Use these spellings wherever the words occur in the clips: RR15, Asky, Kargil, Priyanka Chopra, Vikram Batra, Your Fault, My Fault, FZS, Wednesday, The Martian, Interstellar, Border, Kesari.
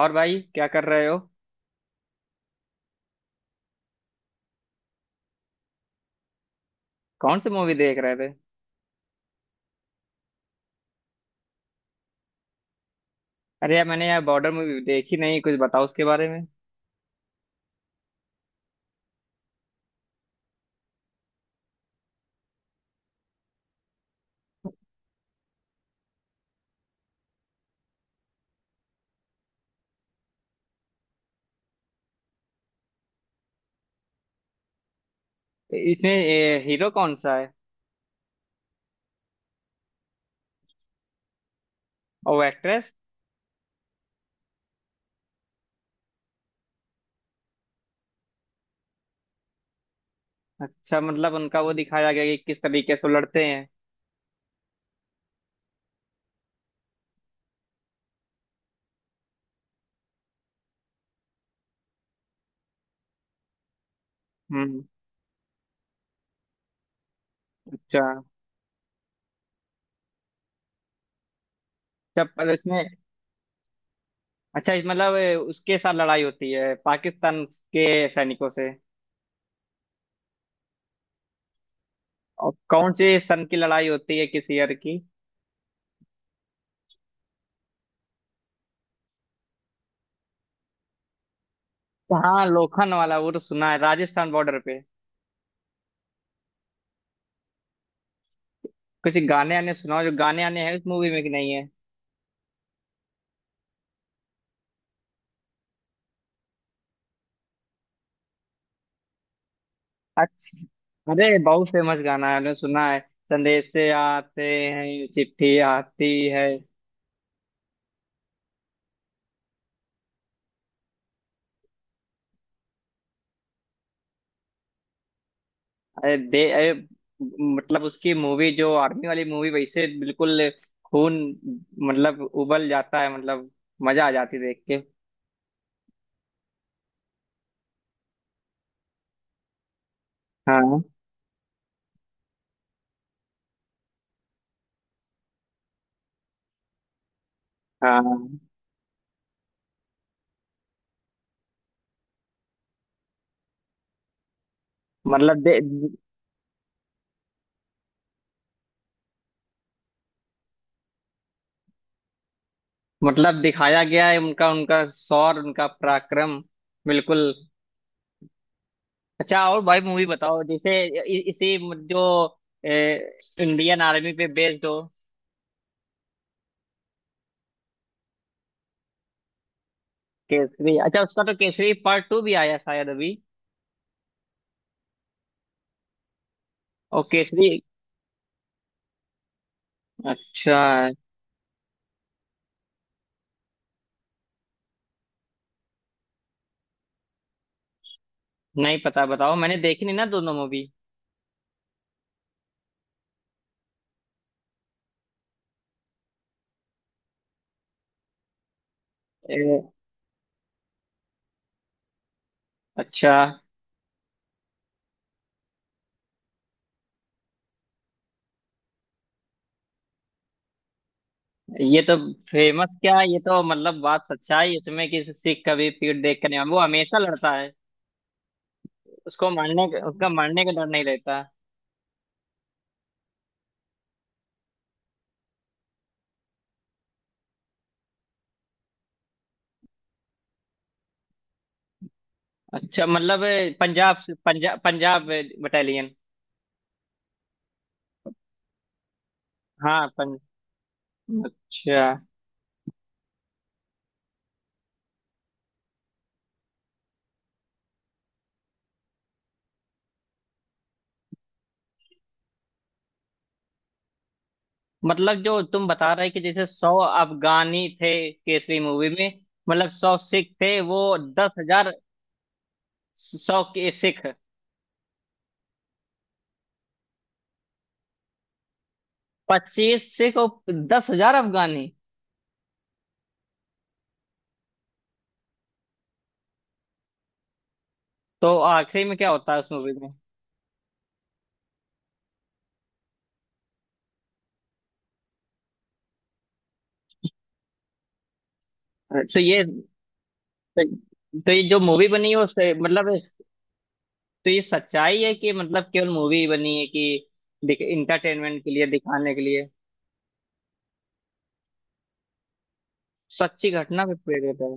और भाई क्या कर रहे हो। कौन सी मूवी देख रहे थे? अरे यार, मैंने यार बॉर्डर मूवी देखी नहीं। कुछ बताओ उसके बारे में। इसमें हीरो कौन सा है? और वो एक्ट्रेस? अच्छा, मतलब उनका वो दिखाया गया कि किस तरीके से वो लड़ते हैं। हम्म। अच्छा। अच्छा, पर इसमें। अच्छा, इस मतलब उसके साथ लड़ाई होती है पाकिस्तान के सैनिकों से। और कौन से सन की लड़ाई होती है, किस ईयर की? हाँ, लोखंड वाला वो तो सुना है, राजस्थान बॉर्डर पे। कुछ गाने आने सुनाओ, जो गाने आने हैं उस मूवी में कि नहीं है? अच्छा, अरे बहुत फेमस गाना है, मैंने सुना है। संदेश से आते हैं, ये चिट्ठी आती है। अरे, दे, अरे। मतलब उसकी मूवी जो आर्मी वाली मूवी, वैसे बिल्कुल। खून। मतलब उबल जाता है, मतलब। मजा आ जाती है देख के। हाँ। हाँ। मतलब दे। मतलब दिखाया गया है उनका उनका शौर, उनका पराक्रम। बिल्कुल। अच्छा, और भाई मूवी बताओ जैसे इसी। जो। इंडियन आर्मी पे बेस्ड हो। केसरी? अच्छा, उसका तो केसरी पार्ट टू भी आया शायद अभी। और केसरी। अच्छा। नहीं पता, बताओ, मैंने देखी नहीं ना दोनों मूवी। ए, अच्छा। ये तो। फेमस क्या है? ये तो मतलब बात सच्चा है इसमें, कि सिख कभी पीठ देख कर नहीं, वो हमेशा लड़ता है। उसका मारने का डर नहीं रहता। अच्छा, मतलब पंजाब पंजाब बटालियन। हाँ। अच्छा, मतलब जो तुम बता रहे कि जैसे 100 अफगानी थे केसरी मूवी में। मतलब 100 सिख थे, वो 10 हजार। सौ के सिख। 25 सिख और 10 हजार अफगानी। तो आखिरी में क्या होता है उस मूवी में? तो ये। तो ये जो मूवी बनी है, मतलब तो ये सच्चाई है कि मतलब केवल मूवी बनी है कि इंटरटेनमेंट के लिए दिखाने के लिए? सच्ची घटना पे प्रेरित है।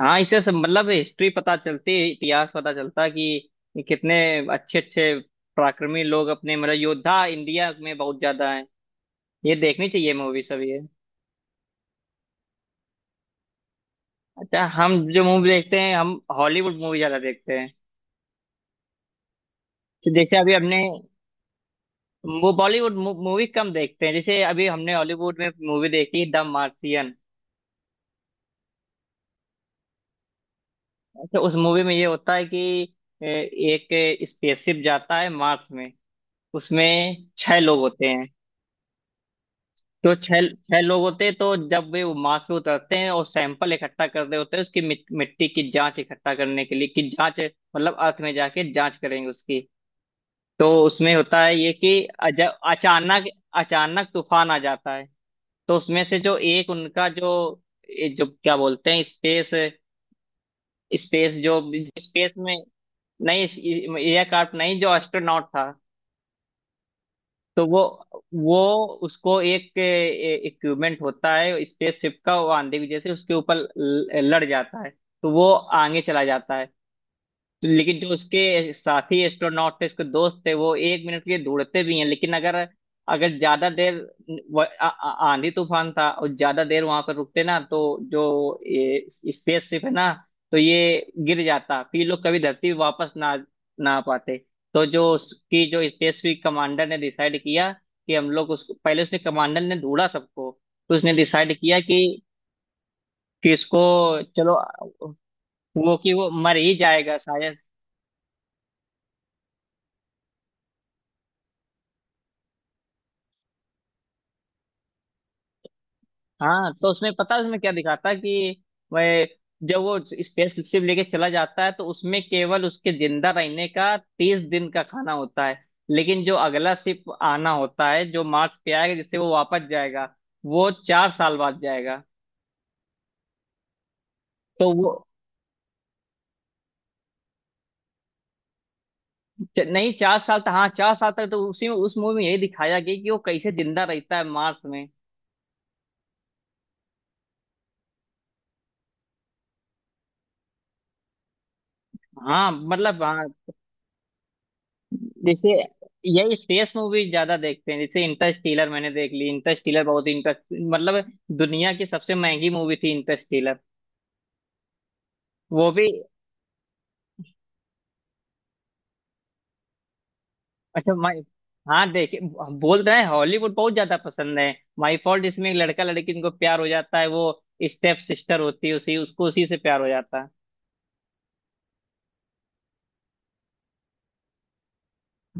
हाँ, इससे सब मतलब हिस्ट्री पता चलती है, इतिहास पता चलता कि कितने अच्छे अच्छे पराक्रमी लोग, अपने मतलब योद्धा इंडिया में बहुत ज्यादा हैं। ये देखनी चाहिए मूवी, सब ये। अच्छा, हम जो मूवी देखते हैं, हम हॉलीवुड मूवी ज्यादा देखते हैं। तो जैसे अभी हमने वो बॉलीवुड मूवी कम देखते हैं, जैसे अभी हमने हॉलीवुड में मूवी देखी द मार्सियन। अच्छा, उस मूवी में ये होता है कि एक स्पेसशिप जाता है मार्स में, उसमें छह लोग होते हैं। तो छह छह लोग होते हैं, तो जब वे वो माँ से उतरते हैं और सैंपल इकट्ठा कर रहे होते हैं उसकी मिट्टी की जांच इकट्ठा करने के लिए, कि जांच मतलब अर्थ में जाके जांच करेंगे उसकी। तो उसमें होता है ये कि जब अचानक, अचानक तूफान आ जाता है। तो उसमें से जो एक उनका, जो ये जो क्या बोलते हैं स्पेस, स्पेस जो स्पेस में। नहीं, एयरक्राफ्ट नहीं, जो एस्ट्रोनॉट था। तो वो उसको एक इक्विपमेंट होता है स्पेसशिप का, वो आंधी की वजह से उसके ऊपर लड़ जाता है। तो वो आगे चला जाता है। लेकिन जो उसके साथी एस्ट्रोनॉट थे, उसके दोस्त थे, वो एक मिनट के लिए ढूंढते भी हैं। लेकिन अगर अगर ज्यादा देर, आंधी तूफान था और ज्यादा देर वहां पर रुकते ना तो जो ये स्पेसशिप है ना, तो ये गिर जाता, फिर ये लोग कभी धरती वापस ना ना आ पाते। तो जो उसकी, जो स्पेसशिप कमांडर ने डिसाइड किया कि हम लोग उसको, पहले उसने कमांडर ने ढूंढा सबको। तो उसने डिसाइड किया कि इसको, चलो, वो कि वो मर ही जाएगा शायद। हाँ, तो उसमें पता है उसमें क्या दिखाता है कि वह जब वो स्पेस शिप लेके चला जाता है तो उसमें केवल उसके जिंदा रहने का 30 दिन का खाना होता है। लेकिन जो अगला शिप आना होता है जो मार्स पे आएगा, जिससे वो वापस जाएगा, वो 4 साल बाद जाएगा। तो वो नहीं, 4 साल तक, हाँ 4 साल तक, तो उसी में उस मूवी में यही दिखाया गया कि वो कैसे जिंदा रहता है मार्स में। हाँ, मतलब हाँ। जैसे यही स्पेस मूवी ज्यादा देखते हैं, जैसे इंटरस्टेलर मैंने देख ली, इंटरस्टेलर बहुत ही इंटर, मतलब दुनिया की सबसे महंगी मूवी थी इंटरस्टेलर। वो भी। अच्छा मैं। हाँ देखे, बोल रहे हैं हॉलीवुड बहुत ज्यादा पसंद है। माई फॉल्ट, इसमें एक लड़का लड़की इनको प्यार हो जाता है, वो स्टेप सिस्टर होती है, उसी उसको उसी से प्यार हो जाता है।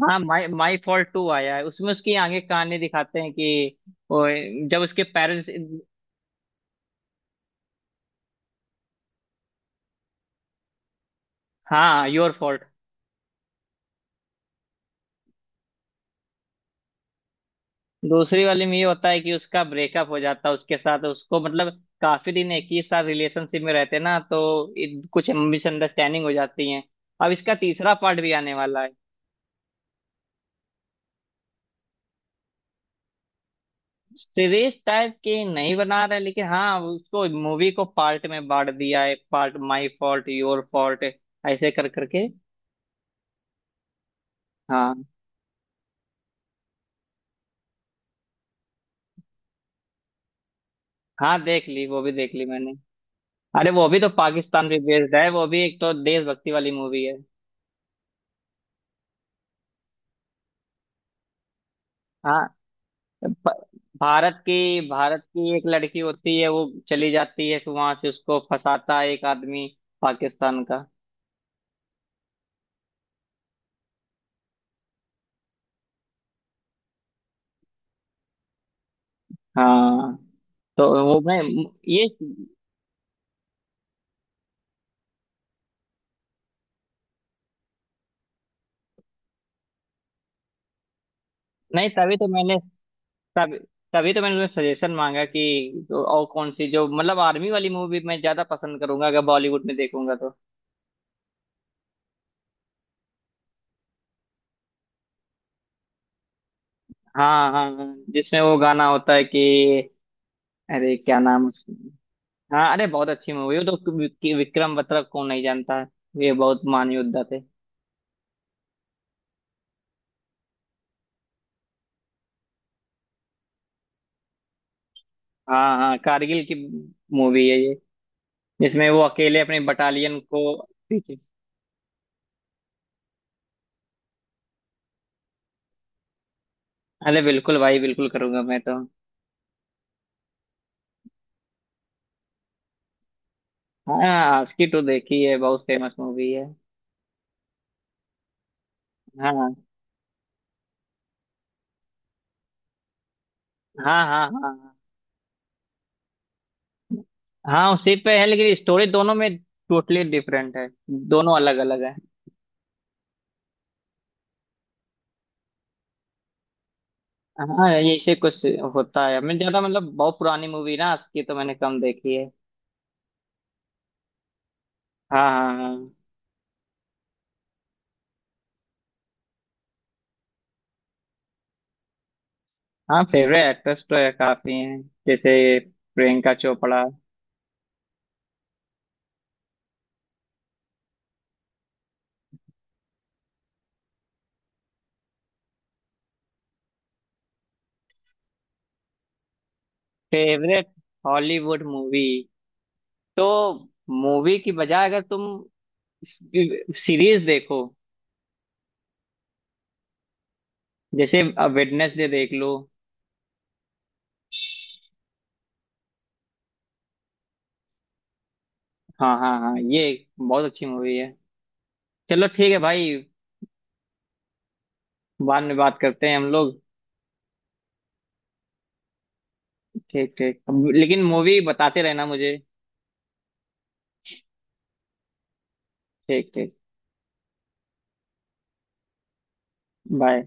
हाँ, माई माई फॉल्ट टू आया है, उसमें उसकी आगे कहानी दिखाते हैं कि वो जब उसके पेरेंट्स। हाँ, योर फॉल्ट। दूसरी वाली में ये होता है कि उसका ब्रेकअप हो जाता है उसके साथ, उसको मतलब काफी दिन एक ही साथ रिलेशनशिप में रहते ना तो कुछ मिसअंडरस्टैंडिंग हो जाती है। अब इसका तीसरा पार्ट भी आने वाला है। सीरीज टाइप की नहीं बना रहा है, लेकिन हाँ, उसको मूवी को पार्ट में बांट दिया है, part my fault, your fault, ऐसे कर करके। हाँ हाँ, देख ली, वो भी देख ली मैंने। अरे वो भी तो पाकिस्तान पे बेस्ड है, वो भी एक तो देशभक्ति वाली मूवी है। हाँ, भ- भारत की एक लड़की होती है, वो चली जाती है फिर वहां से उसको फंसाता है एक आदमी, पाकिस्तान का। हाँ, तो वो मैं ये। नहीं तभी तो मैंने, तभी तभी तो मैंने सजेशन मांगा कि तो और कौन सी जो मतलब आर्मी वाली मूवी मैं ज्यादा पसंद करूंगा अगर बॉलीवुड में देखूंगा तो। हाँ हाँ हाँ, जिसमें वो गाना होता है कि अरे क्या नाम उसका? हाँ, अरे बहुत अच्छी मूवी वो तो। विक्रम बत्रा को नहीं जानता है, ये बहुत महान योद्धा थे। हाँ हाँ, कारगिल की मूवी है ये, जिसमें वो अकेले अपने बटालियन को पीछे। अरे बिल्कुल भाई, बिल्कुल करूंगा मैं तो। हाँ, आस्की टू देखी है, बहुत फेमस मूवी है। हाँ हाँ हाँ, हाँ हाँ हाँ, उसी पे है लेकिन स्टोरी दोनों में टोटली डिफरेंट है, दोनों अलग अलग है। हाँ, ऐसे कुछ होता है, मैं ज्यादा मतलब बहुत पुरानी मूवी ना आस्की, तो मैंने कम देखी है। हाँ हाँ हाँ हाँ। फेवरेट एक्ट्रेस तो है, काफी हैं, जैसे Priyanka Chopra. Favourite Hollywood movie? तो मूवी की बजाय अगर तुम सीरीज देखो, जैसे अब वेडनेसडे देख लो। हाँ हाँ हाँ, ये बहुत अच्छी मूवी है। चलो ठीक है भाई, बाद में बात करते हैं हम लोग। ठीक ठीक। लेकिन मूवी बताते रहना मुझे। ठीक ठीक। बाय।